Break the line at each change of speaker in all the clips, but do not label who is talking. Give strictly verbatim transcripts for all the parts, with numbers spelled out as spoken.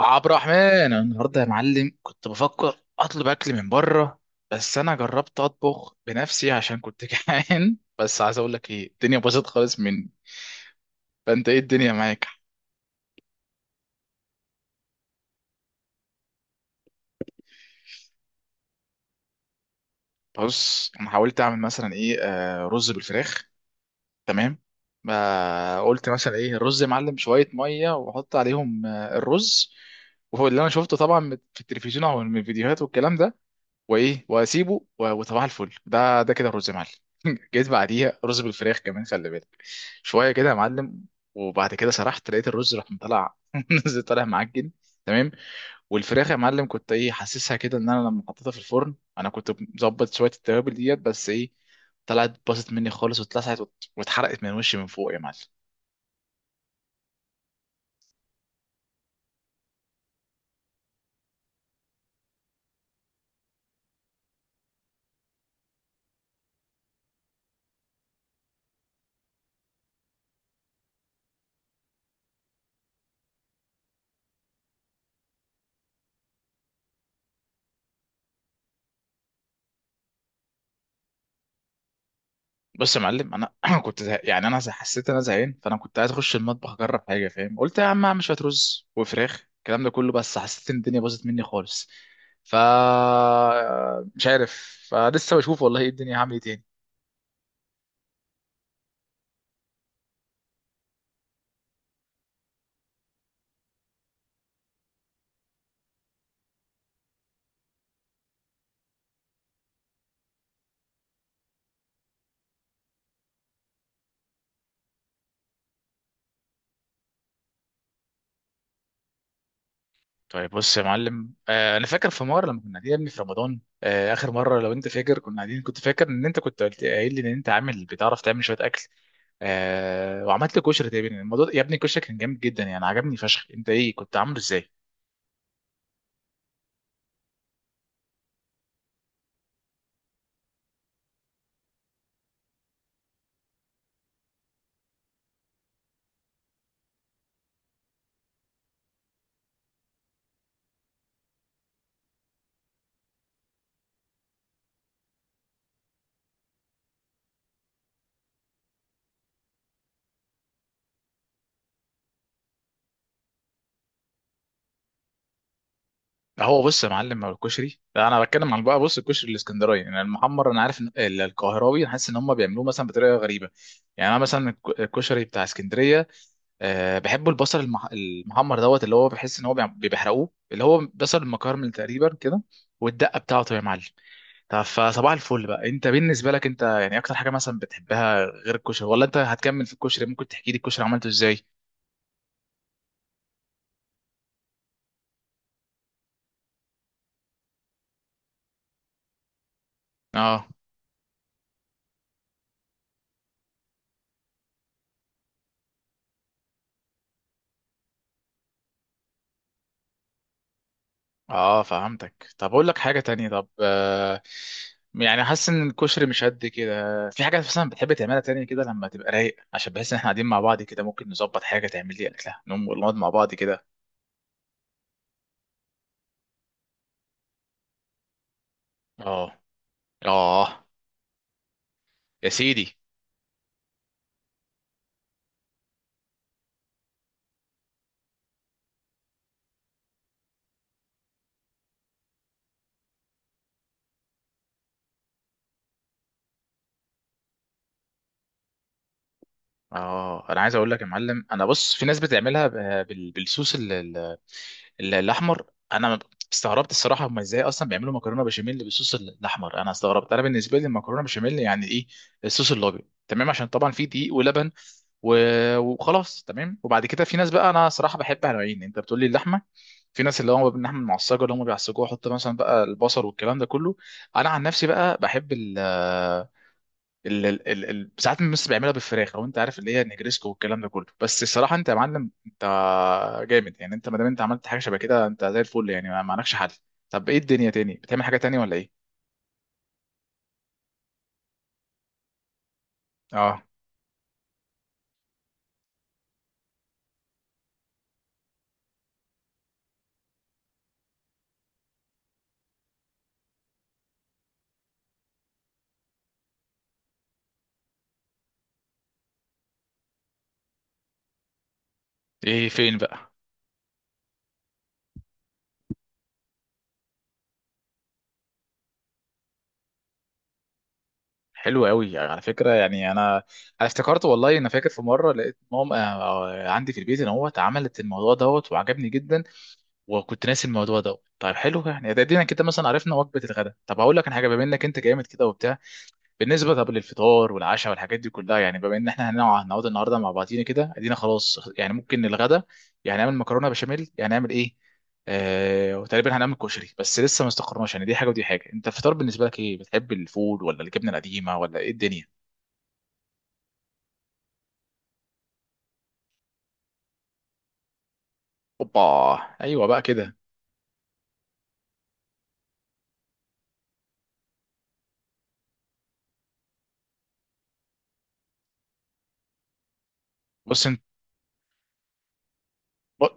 عبد الرحمن، أنا النهارده يا معلم كنت بفكر اطلب اكل من بره. بس انا جربت اطبخ بنفسي عشان كنت جعان. بس عايز اقول لك ايه، الدنيا باظت خالص مني. فانت ايه الدنيا معاك؟ بص، انا حاولت اعمل مثلا ايه آه رز بالفراخ. تمام. ما قلت مثلا ايه الرز يا معلم، شويه ميه واحط عليهم آه الرز. وهو اللي انا شفته طبعا من- في التلفزيون او من الفيديوهات والكلام ده. وايه، واسيبه و- وصباح الفل، ده ده كده رز معلم. جيت بعديها رز بالفراخ كمان، خلي بالك شويه كده يا معلم. وبعد كده سرحت لقيت الرز راح مطلع نزل طالع معجن. تمام. والفراخ يا معلم كنت ايه حاسسها كده ان انا لما حطيتها في الفرن انا كنت مظبط شويه التوابل ديت، بس ايه طلعت باظت مني خالص واتلسعت وات- واتحرقت من وشي من فوق يا معلم. بص يا معلم انا كنت زه... يعني انا زه- حسيت إن انا زهقان، فانا كنت عايز اخش المطبخ اجرب حاجه، فاهم؟ قلت يا عم اعمل شويه رز وفراخ الكلام ده كله، بس حسيت ان الدنيا باظت مني خالص. ف آه، مش عارف. فلسه بشوف والله ايه الدنيا، هعمل ايه تاني. طيب، بص يا معلم، آه انا فاكر في مره لما كنا قاعدين يا ابني في رمضان، آه اخر مره، لو انت فاكر كنا قاعدين، كنت فاكر ان انت كنت قلت قايل لي ان انت عامل بتعرف تعمل شويه اكل. آه وعملت لي كشري تقريبا. الموضوع يا ابني الكشري كان جامد جدا يعني، عجبني فشخ، انت ايه كنت عامله ازاي؟ هو بص يا معلم، هو الكشري، انا بتكلم عن بقى بص الكشري الاسكندراني يعني المحمر، انا عارف ان ال- القاهراوي أنا حاسس ان هم بيعملوه مثلا بطريقه غريبه. يعني انا مثلا الك- الكشري بتاع اسكندريه، أه بحب البصل المح... المحمر دوت، اللي هو بحس ان هو بيع- بيحرقوه، اللي هو بصل المكرمل تقريبا كده، والدقه بتاعته يا معلم. طب فصباح الفل بقى، انت بالنسبه لك انت يعني اكتر حاجه مثلا بتحبها غير الكشري؟ ولا انت هتكمل في الكشري، ممكن تحكي لي الكشري عملته ازاي؟ اه. اه، فهمتك. طب اقول لك حاجه تانية، طب آه يعني حاسس ان الكشري مش قد كده، في حاجه مثلا بتحب تعملها تانية كده لما تبقى رايق؟ عشان بحس ان احنا قاعدين مع بعض كده ممكن نظبط حاجه تعمل لي اكلها نقوم نقعد مع بعض كده. اه. اه. يا سيدي. اه، انا عايز اقول لك يا معلم، انا بص، في ناس بتعملها ب- بال- بالصوص ال- ال- ال- الاحمر. انا استغربت الصراحه، هم ازاي اصلا بيعملوا مكرونه بشاميل بالصوص ال- الاحمر. انا استغربت. انا بالنسبه لي المكرونه بشاميل يعني ايه؟ الصوص الابيض. تمام، عشان طبعا في دقيق ولبن و- وخلاص تمام. وبعد كده في ناس بقى، انا صراحه بحب نوعين. انت بتقول لي اللحمه، في ناس اللي هو باللحمه المعصجه اللي هم بيعصجوها، يحط مثلا بقى البصل والكلام ده كله. انا عن نفسي بقى بحب، ال ال ال ال ال- ساعات الناس بيعملها بالفراخ، لو انت عارف اللي هي النجريسكو والكلام ده كله. بس الصراحه انت يا معلم، انت جامد يعني، انت ما دام انت عملت حاجه شبه كده انت زي الفل يعني، ما ما عندكش حل. طب ايه الدنيا تاني، بتعمل حاجه تانية ولا ايه؟ اه. ايه فين بقى؟ حلو قوي على فكره. يعني انا انا افتكرت والله. انا فاكر في مره لقيت ماما آه، آه، عندي في البيت ان هو اتعملت الموضوع دوت وعجبني جدا، وكنت ناسي الموضوع دوت. طيب حلو، يعني ده ادينا كده مثلا عرفنا وجبه الغداء. طب هقول لك على حاجه، بما انك انت جامد كده وبتاع، بالنسبه طب للفطار والعشاء والحاجات دي كلها، يعني بما ان احنا هنقعد هنقعد النهارده مع بعضينا كده ادينا خلاص يعني، ممكن الغداء يعني نعمل مكرونه بشاميل، يعني نعمل ايه، آه وتقريبا هنعمل كشري، بس لسه ما استقرناش يعني، دي حاجه ودي حاجه. انت الفطار بالنسبه لك ايه، بتحب الفول ولا الجبنه القديمه ولا ايه الدنيا؟ اوبا. ايوه بقى كده. بص، انت ب-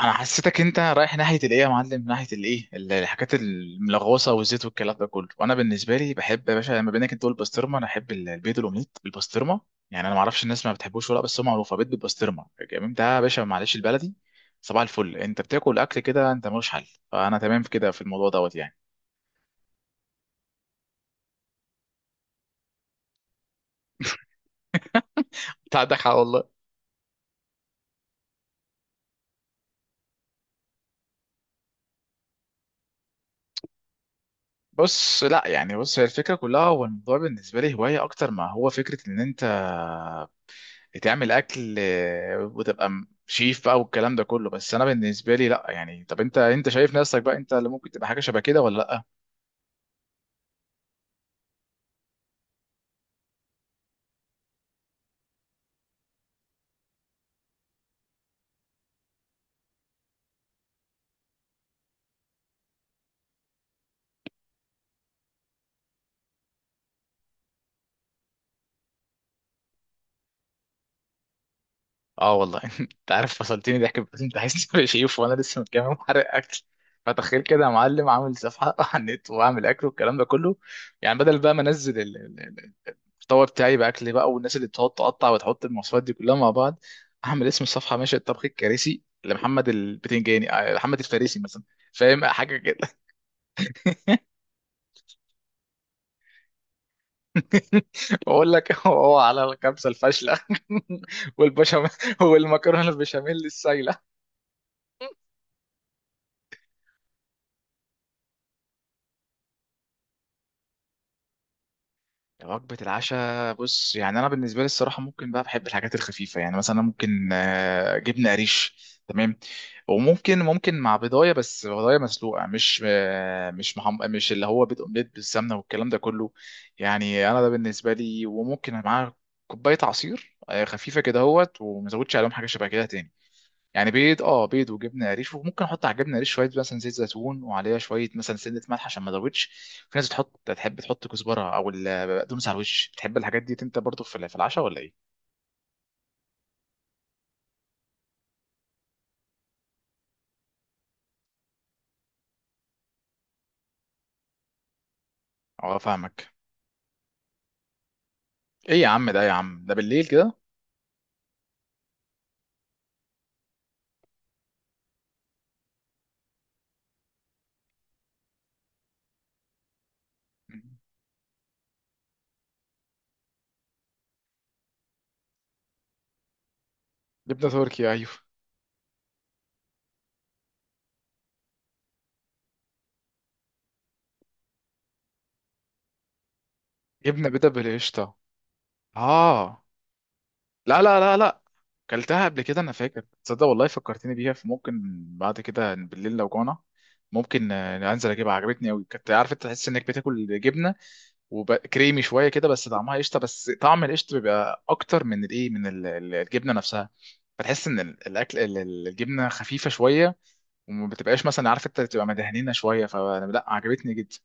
انا حسيتك انت رايح ناحيه الايه يا معلم، ناحيه الايه ال- الحاجات الملغوصه والزيت والكلام ده كله، وانا بالنسبه لي بحب يا باشا، لما بينك انت تقول بسطرمه، انا احب ال- البيض الاومليت بالبسطرمه. يعني انا ما اعرفش الناس ما بتحبوش ولا، بس هو معروفه بيض بالبسطرمه جميل ده يا باشا، معلش البلدي. صباح الفل، انت بتاكل اكل كده انت ملوش حل. فانا تمام في كده، في الموضوع دوت يعني. انت عندك حق والله. بص لا يعني، بص هي الفكره كلها هو الموضوع بالنسبه لي هوايه اكتر ما هو فكره ان انت تعمل اكل، آه، وتبقى م- شيف بقى والكلام ده كله. بس انا بالنسبه لي لا يعني. طب انت انت شايف نفسك بقى انت اللي ممكن تبقى حاجه شبه كده ولا لا؟ اه والله. انت عارف فصلتني ضحك، بس انت عايز تبقى شيف وانا لسه متجمع محرق اكل. فتخيل كده يا معلم، عامل صفحه على النت واعمل اكل والكلام ده كله، يعني بدل بقى ما انزل ال- ال- ال- الطبق بتاعي باكل بقى، والناس اللي بتقعد تقطع وتحط المواصفات دي كلها مع بعض. اعمل اسم الصفحه ماشي، الطبخ الكارثي لمحمد البتنجاني، آه، محمد الفارسي مثلا. فاهم حاجه كده. بقول لك هو على الكبسة الفاشلة والبشاميل، والمكرونة البشاميل السايلة. وجبة العشاء، بص يعني أنا بالنسبة لي الصراحة ممكن بقى، بحب الحاجات الخفيفة يعني، مثلا ممكن آه، جبنة قريش. تمام، وممكن ممكن مع بيضاية، بس بيضاية مسلوقة مش آه، مش محم... مش اللي هو بيض أومليت بالسمنة والكلام ده كله. يعني أنا ده بالنسبة لي، وممكن معاه كوباية عصير آه، خفيفة كده، هوت، ومزودش عليهم حاجة شبه كده تاني. يعني بيض، اه بيض وجبنه قريش، وممكن احط على الجبنه قريش شويه مثلا زيت زيتون، وعليها شويه مثلا سنه ملح عشان ما تزودش. في ناس بتحط تحب تحط كزبره او البقدونس على الوش، بتحب الحاجات دي انت برضو في ال- في العشاء ولا ايه؟ اه، فاهمك. ايه يا عم ده، يا عم ده بالليل كده. جبنه تركي ايوه. جبنه بيضه بالقشطه. اه. لا لا لا لا. كلتها قبل كده انا فاكر، تصدق والله فكرتني بيها، فممكن بعد كده بالليل لو جوعنا ممكن آه، انزل اجيبها. عجبتني قوي، كنت عارف، انت تحس انك بتاكل جبنه وكريمي شويه كده، بس طعمها قشطه، بس طعم القشطه بيبقى اكتر من الايه، من ال- ال- الجبنه نفسها. بتحس ان ال- الاكل ال- ال- الجبنه خفيفه شويه، وما بتبقاش مثلا عارف، انت بتبقى مدهنينه شويه، فلا عجبتني جدا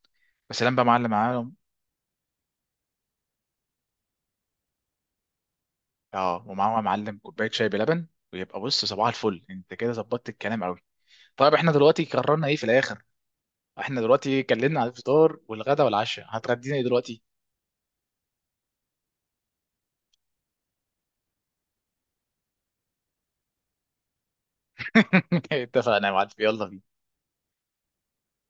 بس لما بقى معلم معاهم. اه، ومعاهم يا معلم كوبايه شاي بلبن، ويبقى بص صباح الفل، انت كده ظبطت الكلام قوي. طيب احنا دلوقتي قررنا ايه في الاخر؟ احنا دلوقتي اتكلمنا على الفطار والغدا والعشاء، هتغدينا ايه دلوقتي؟ اتفقنا يا معلم، يلا بينا.